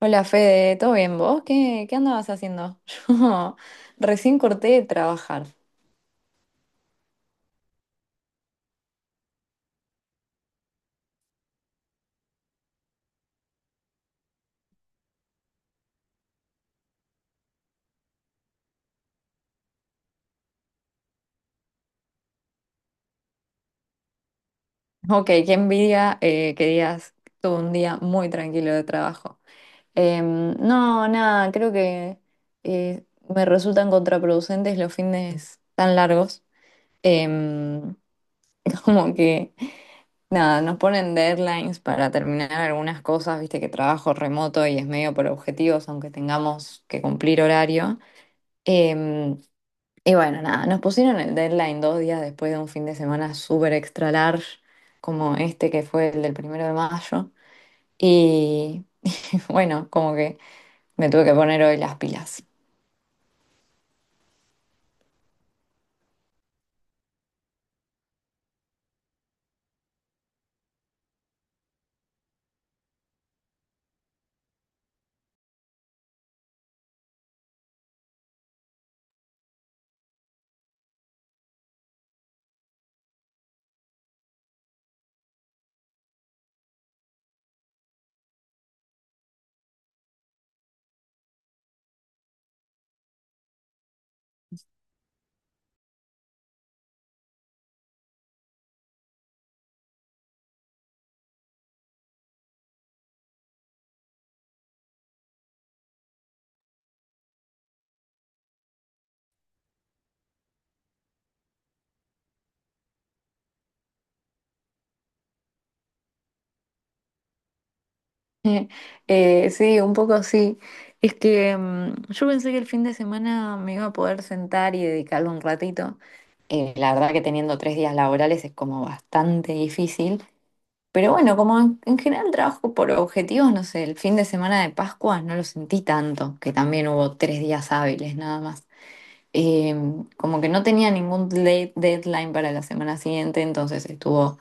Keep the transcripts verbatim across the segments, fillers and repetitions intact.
Hola Fede, ¿todo bien vos? ¿Qué, qué andabas haciendo? Yo recién corté de trabajar. Ok, qué envidia eh, que digas, tuve un día muy tranquilo de trabajo. Em, no, nada, creo que eh, me resultan contraproducentes los fines tan largos. Em, como que, nada, nos ponen deadlines para terminar algunas cosas, viste que trabajo remoto y es medio por objetivos, aunque tengamos que cumplir horario. Em, Y bueno, nada, nos pusieron el deadline dos días después de un fin de semana súper extra large, como este que fue el del primero de mayo. Y bueno, como que me tuve que poner hoy las pilas. Eh, sí, un poco sí. Es que mm, yo pensé que el fin de semana me iba a poder sentar y dedicarlo un ratito. Eh, la verdad que teniendo tres días laborales es como bastante difícil. Pero bueno, como en, en general trabajo por objetivos, no sé, el fin de semana de Pascua no lo sentí tanto, que también hubo tres días hábiles nada más. Eh, como que no tenía ningún de- deadline para la semana siguiente, entonces estuvo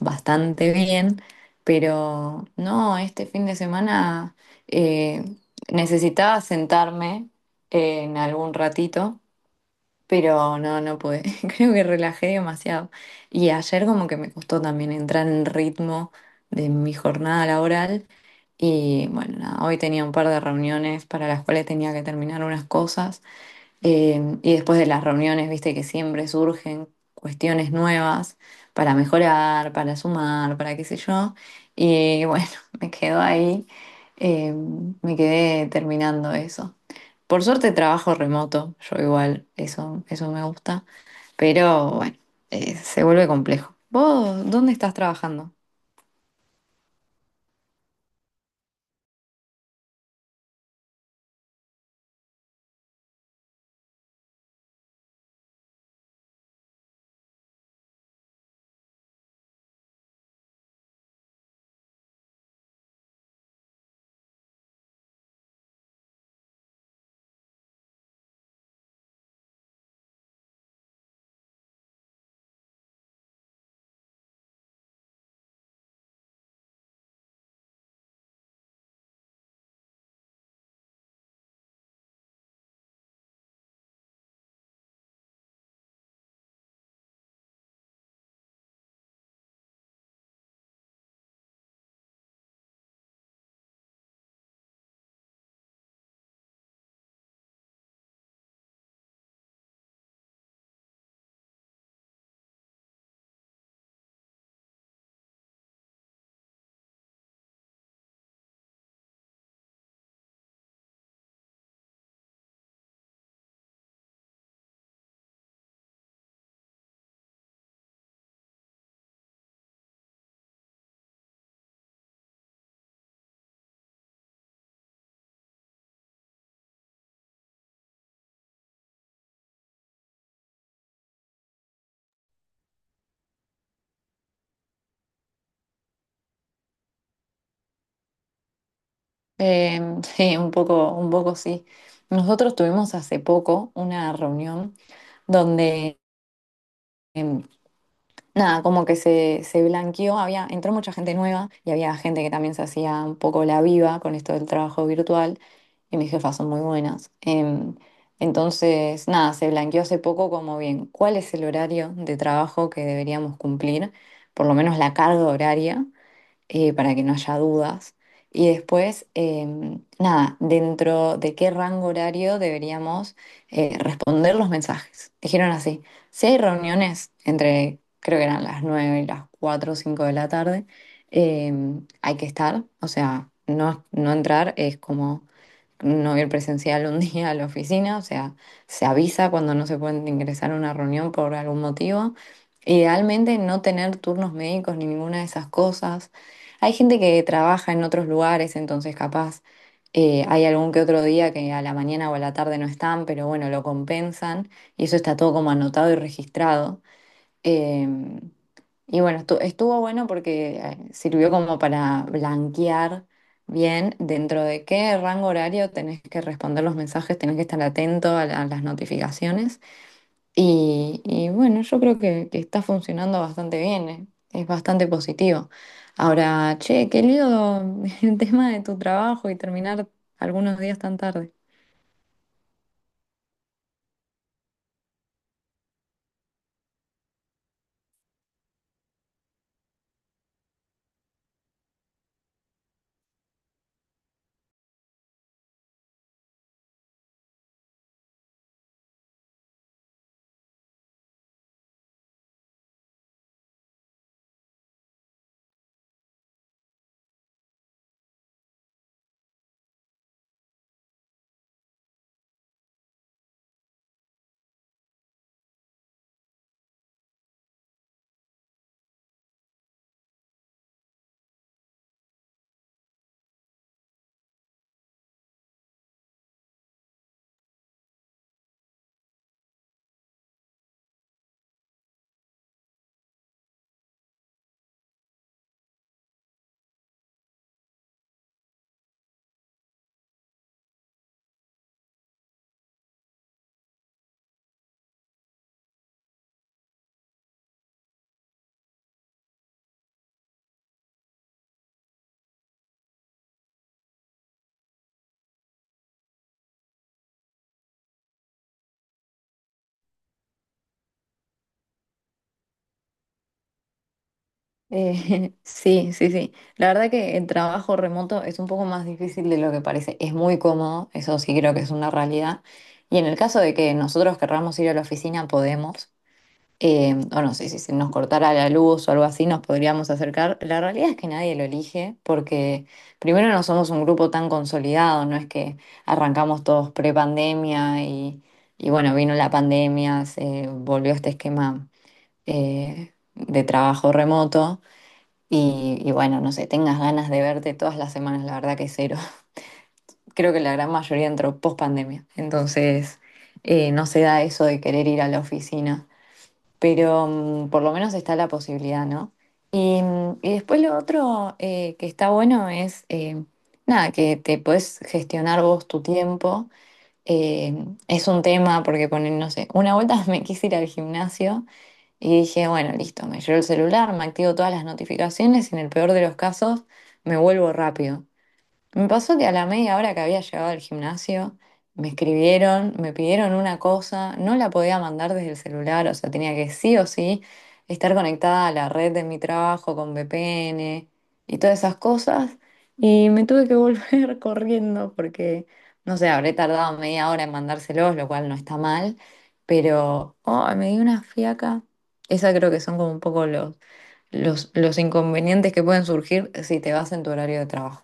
bastante bien, pero no, este fin de semana eh, necesitaba sentarme eh, en algún ratito pero no, no pude. Creo que relajé demasiado. Y ayer como que me costó también entrar en ritmo de mi jornada laboral. Y bueno, nada, hoy tenía un par de reuniones para las cuales tenía que terminar unas cosas. Eh, y después de las reuniones, viste que siempre surgen cuestiones nuevas para mejorar, para sumar, para qué sé yo. Y bueno, me quedo ahí. Eh, Me quedé terminando eso. Por suerte trabajo remoto, yo igual, eso, eso me gusta, pero bueno, eh, se vuelve complejo. ¿Vos dónde estás trabajando? Eh, sí, un poco, un poco sí. Nosotros tuvimos hace poco una reunión donde nada, como que se, se blanqueó, había, entró mucha gente nueva y había gente que también se hacía un poco la viva con esto del trabajo virtual y mis jefas son muy buenas. Em, entonces, nada, se blanqueó hace poco como bien, ¿cuál es el horario de trabajo que deberíamos cumplir? Por lo menos la carga horaria eh, para que no haya dudas. Y después, em, nada, dentro de qué rango horario deberíamos eh, responder los mensajes. Dijeron así, si hay reuniones entre, creo que eran las nueve y las cuatro o cinco de la tarde, em, hay que estar, o sea, no, no entrar es como no ir presencial un día a la oficina, o sea, se avisa cuando no se pueden ingresar a una reunión por algún motivo. Idealmente no tener turnos médicos ni ninguna de esas cosas. Hay gente que trabaja en otros lugares, entonces capaz eh, hay algún que otro día que a la mañana o a la tarde no están, pero bueno, lo compensan y eso está todo como anotado y registrado. Eh, y bueno, estu- estuvo bueno porque eh, sirvió como para blanquear bien dentro de qué rango horario tenés que responder los mensajes, tenés que estar atento a la- a las notificaciones. Y, y bueno, yo creo que, que está funcionando bastante bien, eh, es bastante positivo. Ahora, che, qué lío el tema de tu trabajo y terminar algunos días tan tarde. Eh, sí, sí, sí. La verdad que el trabajo remoto es un poco más difícil de lo que parece. Es muy cómodo, eso sí creo que es una realidad. Y en el caso de que nosotros querramos ir a la oficina, podemos. Eh, o no sé, si se nos cortara la luz o algo así, nos podríamos acercar. La realidad es que nadie lo elige porque primero no somos un grupo tan consolidado, no es que arrancamos todos pre-pandemia y, y bueno, vino la pandemia, se volvió este esquema eh, de trabajo remoto y, y bueno, no sé, tengas ganas de verte todas las semanas, la verdad que cero. Creo que la gran mayoría entró post-pandemia, entonces eh, no se da eso de querer ir a la oficina pero mm, por lo menos está la posibilidad, ¿no? Y, mm, y después lo otro eh, que está bueno es, eh, nada, que te puedes gestionar vos tu tiempo. Eh, es un tema porque ponen, no sé, una vuelta me quise ir al gimnasio y dije, bueno, listo, me llevo el celular, me activo todas las notificaciones y en el peor de los casos me vuelvo rápido. Me pasó que a la media hora que había llegado al gimnasio, me escribieron, me pidieron una cosa, no la podía mandar desde el celular, o sea, tenía que sí o sí estar conectada a la red de mi trabajo con V P N y todas esas cosas. Y me tuve que volver corriendo porque, no sé, habré tardado media hora en mandárselos, lo cual no está mal, pero oh, me di una fiaca. Esa creo que son como un poco los, los, los inconvenientes que pueden surgir si te vas en tu horario de trabajo.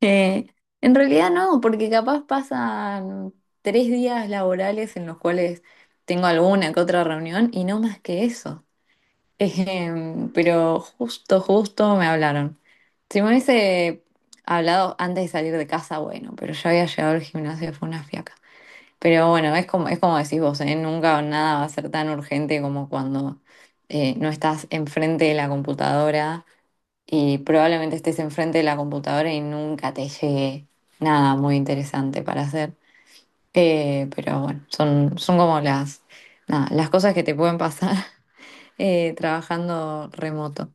Eh, en realidad no, porque capaz pasan tres días laborales en los cuales tengo alguna que otra reunión y no más que eso. Em, pero justo, justo me hablaron. Si me hubiese hablado antes de salir de casa, bueno, pero ya había llegado al gimnasio, fue una fiaca. Pero bueno, es como, es como decís vos, ¿eh? Nunca nada va a ser tan urgente como cuando eh, no estás enfrente de la computadora y probablemente estés enfrente de la computadora y nunca te llegue nada muy interesante para hacer. Eh, pero bueno, son, son como las, nada, las cosas que te pueden pasar eh, trabajando remoto.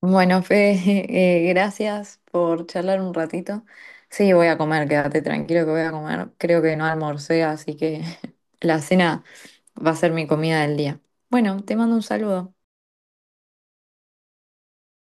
Bueno, Fede, eh, gracias por charlar un ratito. Sí, voy a comer, quédate tranquilo que voy a comer. Creo que no almorcé, así que la cena va a ser mi comida del día. Bueno, te mando un saludo.